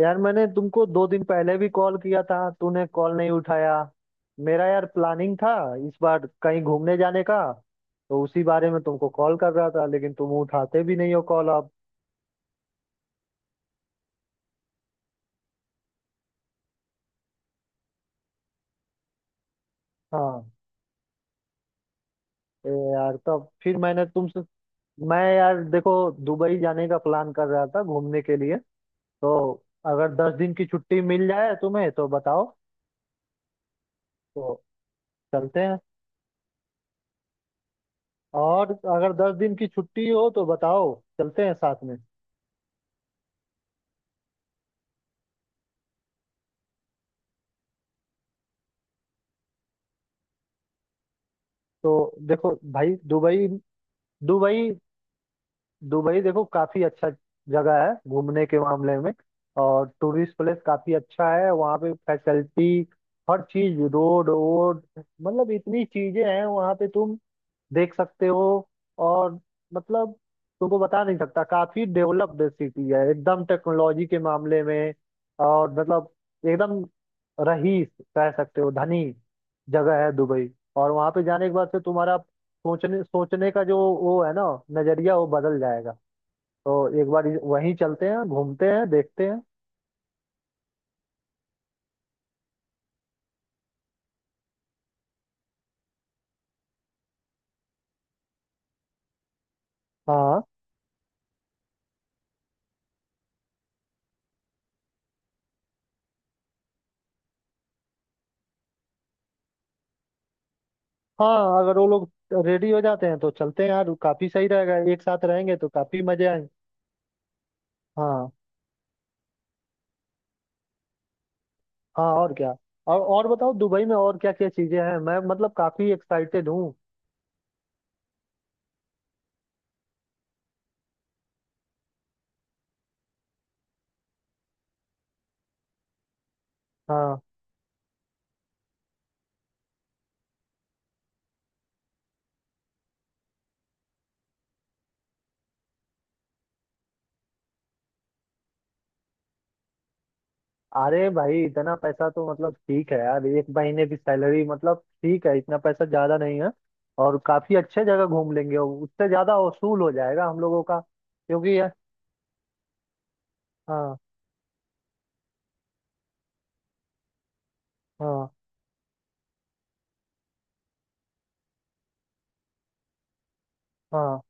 यार, मैंने तुमको 2 दिन पहले भी कॉल किया था। तूने कॉल नहीं उठाया। मेरा यार प्लानिंग था इस बार कहीं घूमने जाने का, तो उसी बारे में तुमको कॉल कर रहा था, लेकिन तुम उठाते भी नहीं हो कॉल अब। हाँ। ए यार, तब फिर मैं यार देखो, दुबई जाने का प्लान कर रहा था घूमने के लिए। तो अगर 10 दिन की छुट्टी मिल जाए तुम्हें तो बताओ। तो चलते हैं, और अगर 10 दिन की छुट्टी हो तो बताओ, चलते हैं साथ में। तो देखो भाई, दुबई दुबई दुबई, देखो, काफी अच्छा जगह है घूमने के मामले में, और टूरिस्ट प्लेस काफी अच्छा है, वहाँ पे फैसिलिटी हर चीज, रोड वोड, मतलब इतनी चीजें हैं वहाँ पे तुम देख सकते हो। और मतलब, तुमको बता नहीं सकता, काफी डेवलप्ड सिटी है एकदम टेक्नोलॉजी के मामले में। और मतलब एकदम रईस कह सकते हो, धनी जगह है दुबई। और वहां पे जाने के बाद से तुम्हारा सोचने सोचने का जो वो है ना, नजरिया वो बदल जाएगा। तो एक बार वहीं चलते हैं, घूमते हैं, देखते हैं। हाँ, हाँ, अगर वो लोग रेडी हो जाते हैं तो चलते हैं यार, काफी सही रहेगा, एक साथ रहेंगे तो काफी मजे आएंगे। हाँ, हाँ, और क्या। बताओ दुबई में और क्या क्या चीजें हैं, मैं मतलब काफी एक्साइटेड हूँ। हाँ। अरे भाई, इतना पैसा तो मतलब ठीक है यार, 1 महीने की सैलरी, मतलब ठीक है, इतना पैसा ज्यादा नहीं है। और काफी अच्छे जगह घूम लेंगे, और उससे ज्यादा वसूल हो जाएगा हम लोगों का, क्योंकि यार। हाँ, हाँ, हाँ,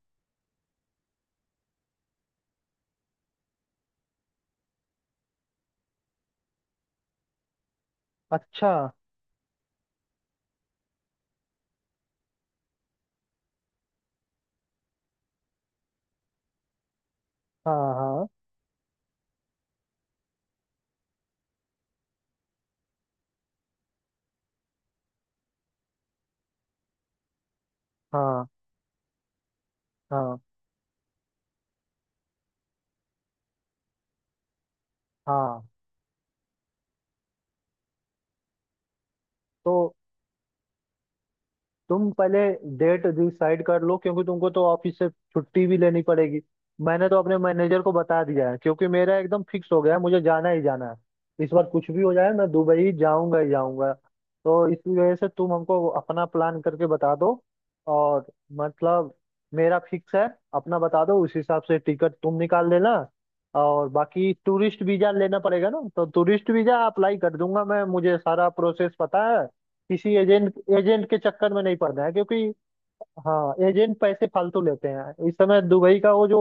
अच्छा, हाँ, हाँ, हाँ, हाँ, हाँ, तो तुम पहले डेट डिसाइड कर लो, क्योंकि तुमको तो ऑफिस से छुट्टी भी लेनी पड़ेगी। मैंने तो अपने मैनेजर को बता दिया है, क्योंकि मेरा एकदम फिक्स हो गया है, मुझे जाना ही जाना है इस बार, कुछ भी हो जाए मैं दुबई जाऊंगा ही जाऊंगा। तो इस वजह से तुम हमको अपना प्लान करके बता दो, और मतलब, मेरा फिक्स है, अपना बता दो, उस हिसाब से टिकट तुम निकाल लेना। और बाकी टूरिस्ट वीजा लेना पड़ेगा ना, तो टूरिस्ट वीजा अप्लाई कर दूंगा मैं, मुझे सारा प्रोसेस पता है। किसी एजेंट एजेंट के चक्कर में नहीं पड़ना है, क्योंकि हाँ, एजेंट पैसे फालतू लेते हैं। इस समय दुबई का वो जो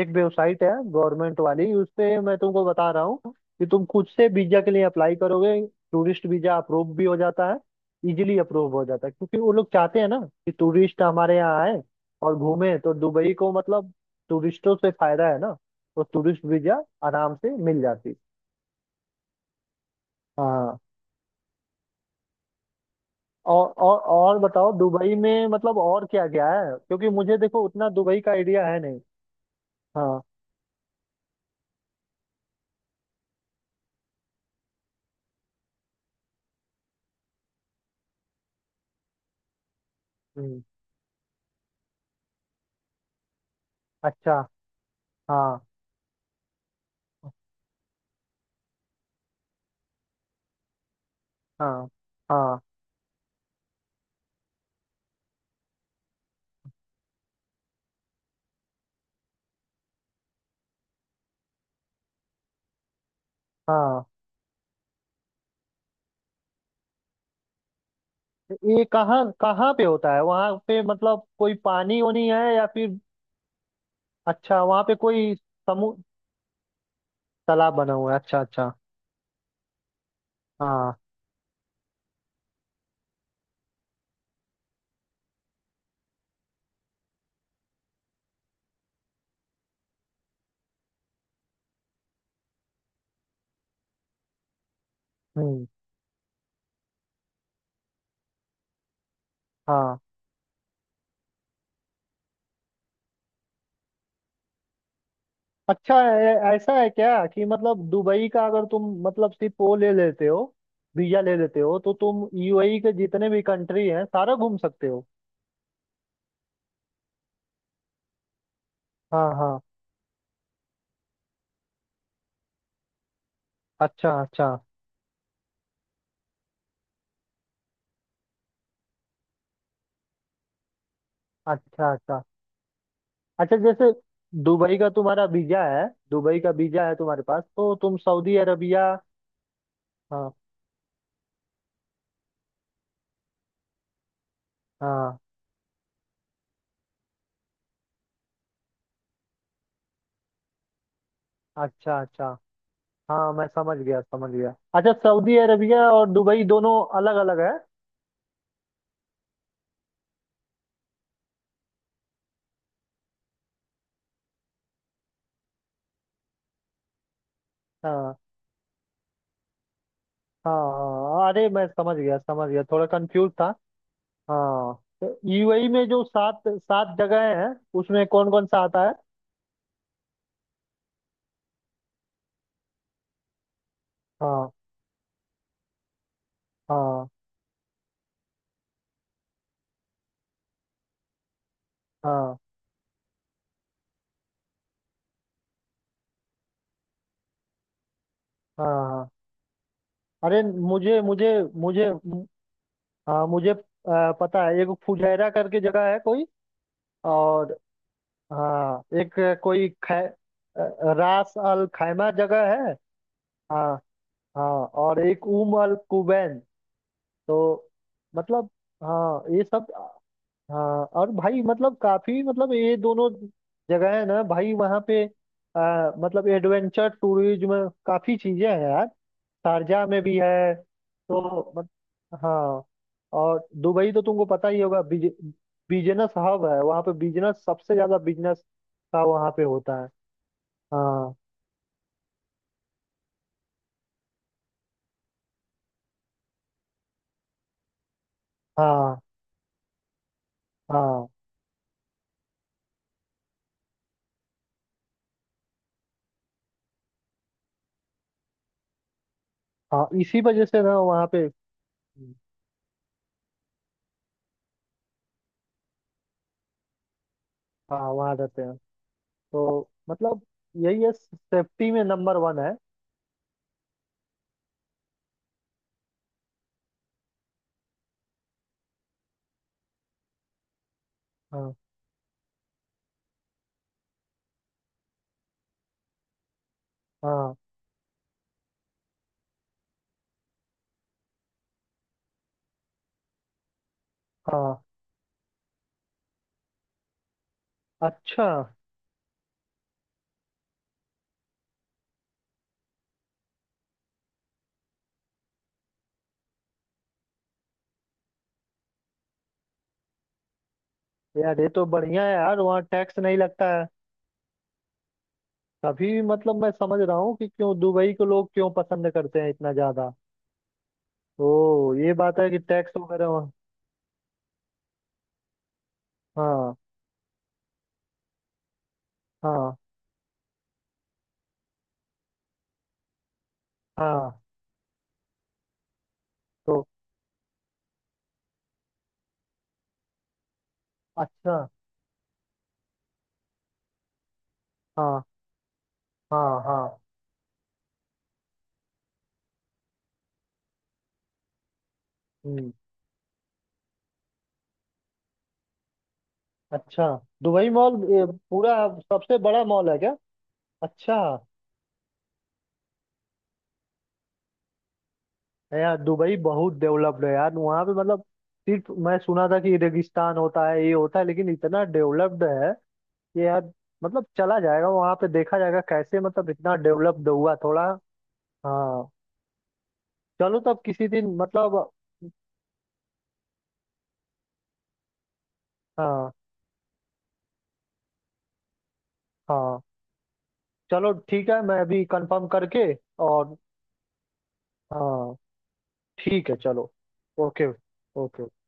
एक वेबसाइट है गवर्नमेंट वाली, उस पे मैं तुमको बता रहा हूँ कि तुम खुद से वीजा के लिए अप्लाई करोगे, टूरिस्ट वीजा अप्रूव भी हो जाता है। इजीली अप्रूव हो जाता है, क्योंकि वो लोग चाहते हैं ना कि टूरिस्ट हमारे यहाँ आए और घूमे तो दुबई को, मतलब टूरिस्टों से फायदा है ना। तो टूरिस्ट वीजा आराम से मिल जाती है। हाँ, और बताओ दुबई में, मतलब और क्या क्या है, क्योंकि मुझे देखो उतना दुबई का आइडिया है नहीं। हाँ, हम्म, अच्छा, हाँ, हाँ, हाँ, हाँ, ये कहाँ कहाँ पे होता है वहाँ पे, मतलब कोई पानी वानी है या फिर? अच्छा, वहाँ पे कोई समु तालाब बना हुआ है, अच्छा, अच्छा। हाँ, हम्म, हाँ, अच्छा, ऐसा है क्या कि मतलब दुबई का अगर तुम मतलब सिर्फ वो ले लेते हो वीजा, ले लेते हो तो तुम यूएई के जितने भी कंट्री हैं सारा घूम सकते हो? हाँ, हाँ, अच्छा, अच्छा, अच्छा, अच्छा, अच्छा जैसे दुबई का तुम्हारा वीजा है, दुबई का वीजा है तुम्हारे पास तो तुम सऊदी अरबिया। हाँ, हाँ, अच्छा, अच्छा, हाँ मैं समझ गया, समझ गया, अच्छा सऊदी अरबिया और दुबई दोनों अलग अलग है। हाँ, हाँ, हाँ, अरे मैं समझ गया, समझ गया, थोड़ा कंफ्यूज था। हाँ, तो यूएई में जो सात सात जगह हैं उसमें कौन कौन सा आता है? हाँ, हाँ, हाँ, हाँ, हाँ। अरे मुझे मुझे मुझे हाँ, मुझे पता है, एक फुजैरा करके जगह है कोई, और हाँ, एक कोई रास अल खैमा जगह है। हाँ, हाँ, और एक उम अल कुबैन। तो मतलब, हाँ ये सब, हाँ और भाई मतलब काफी, मतलब ये दोनों जगह है ना भाई, वहाँ पे मतलब एडवेंचर टूरिज्म काफी चीजें हैं यार। शारजाह में भी है, तो मत-। हाँ, और दुबई तो तुमको पता ही होगा, बिजनेस हब है वहाँ पे, बिजनेस सबसे ज्यादा, बिजनेस का वहाँ पे होता है। हाँ, हाँ, हाँ, हाँ इसी वजह से ना वहाँ पे, हाँ वहाँ रहते हैं, तो मतलब यही है, सेफ्टी में नंबर वन है। हाँ, हाँ, हाँ, अच्छा यार, ये तो बढ़िया है यार, वहाँ टैक्स नहीं लगता है। तभी मतलब मैं समझ रहा हूँ कि क्यों दुबई को लोग क्यों पसंद करते हैं इतना ज्यादा। ओ ये बात है कि टैक्स वगैरह वहाँ-। हाँ, हाँ, हाँ, तो, अच्छा, हाँ, हाँ, हाँ, हम्म, अच्छा, दुबई मॉल पूरा सबसे बड़ा मॉल है क्या? अच्छा, है यार, दुबई बहुत डेवलप्ड है यार, वहाँ पे मतलब सिर्फ मैं सुना था कि रेगिस्तान होता है, ये होता है, लेकिन इतना डेवलप्ड है कि यार, मतलब चला जाएगा वहाँ पे, देखा जाएगा कैसे मतलब इतना डेवलप्ड हुआ थोड़ा। हाँ, चलो तब किसी दिन मतलब, हाँ, हाँ, चलो ठीक है, मैं अभी कंफर्म करके, और हाँ ठीक है चलो, ओके, ओके।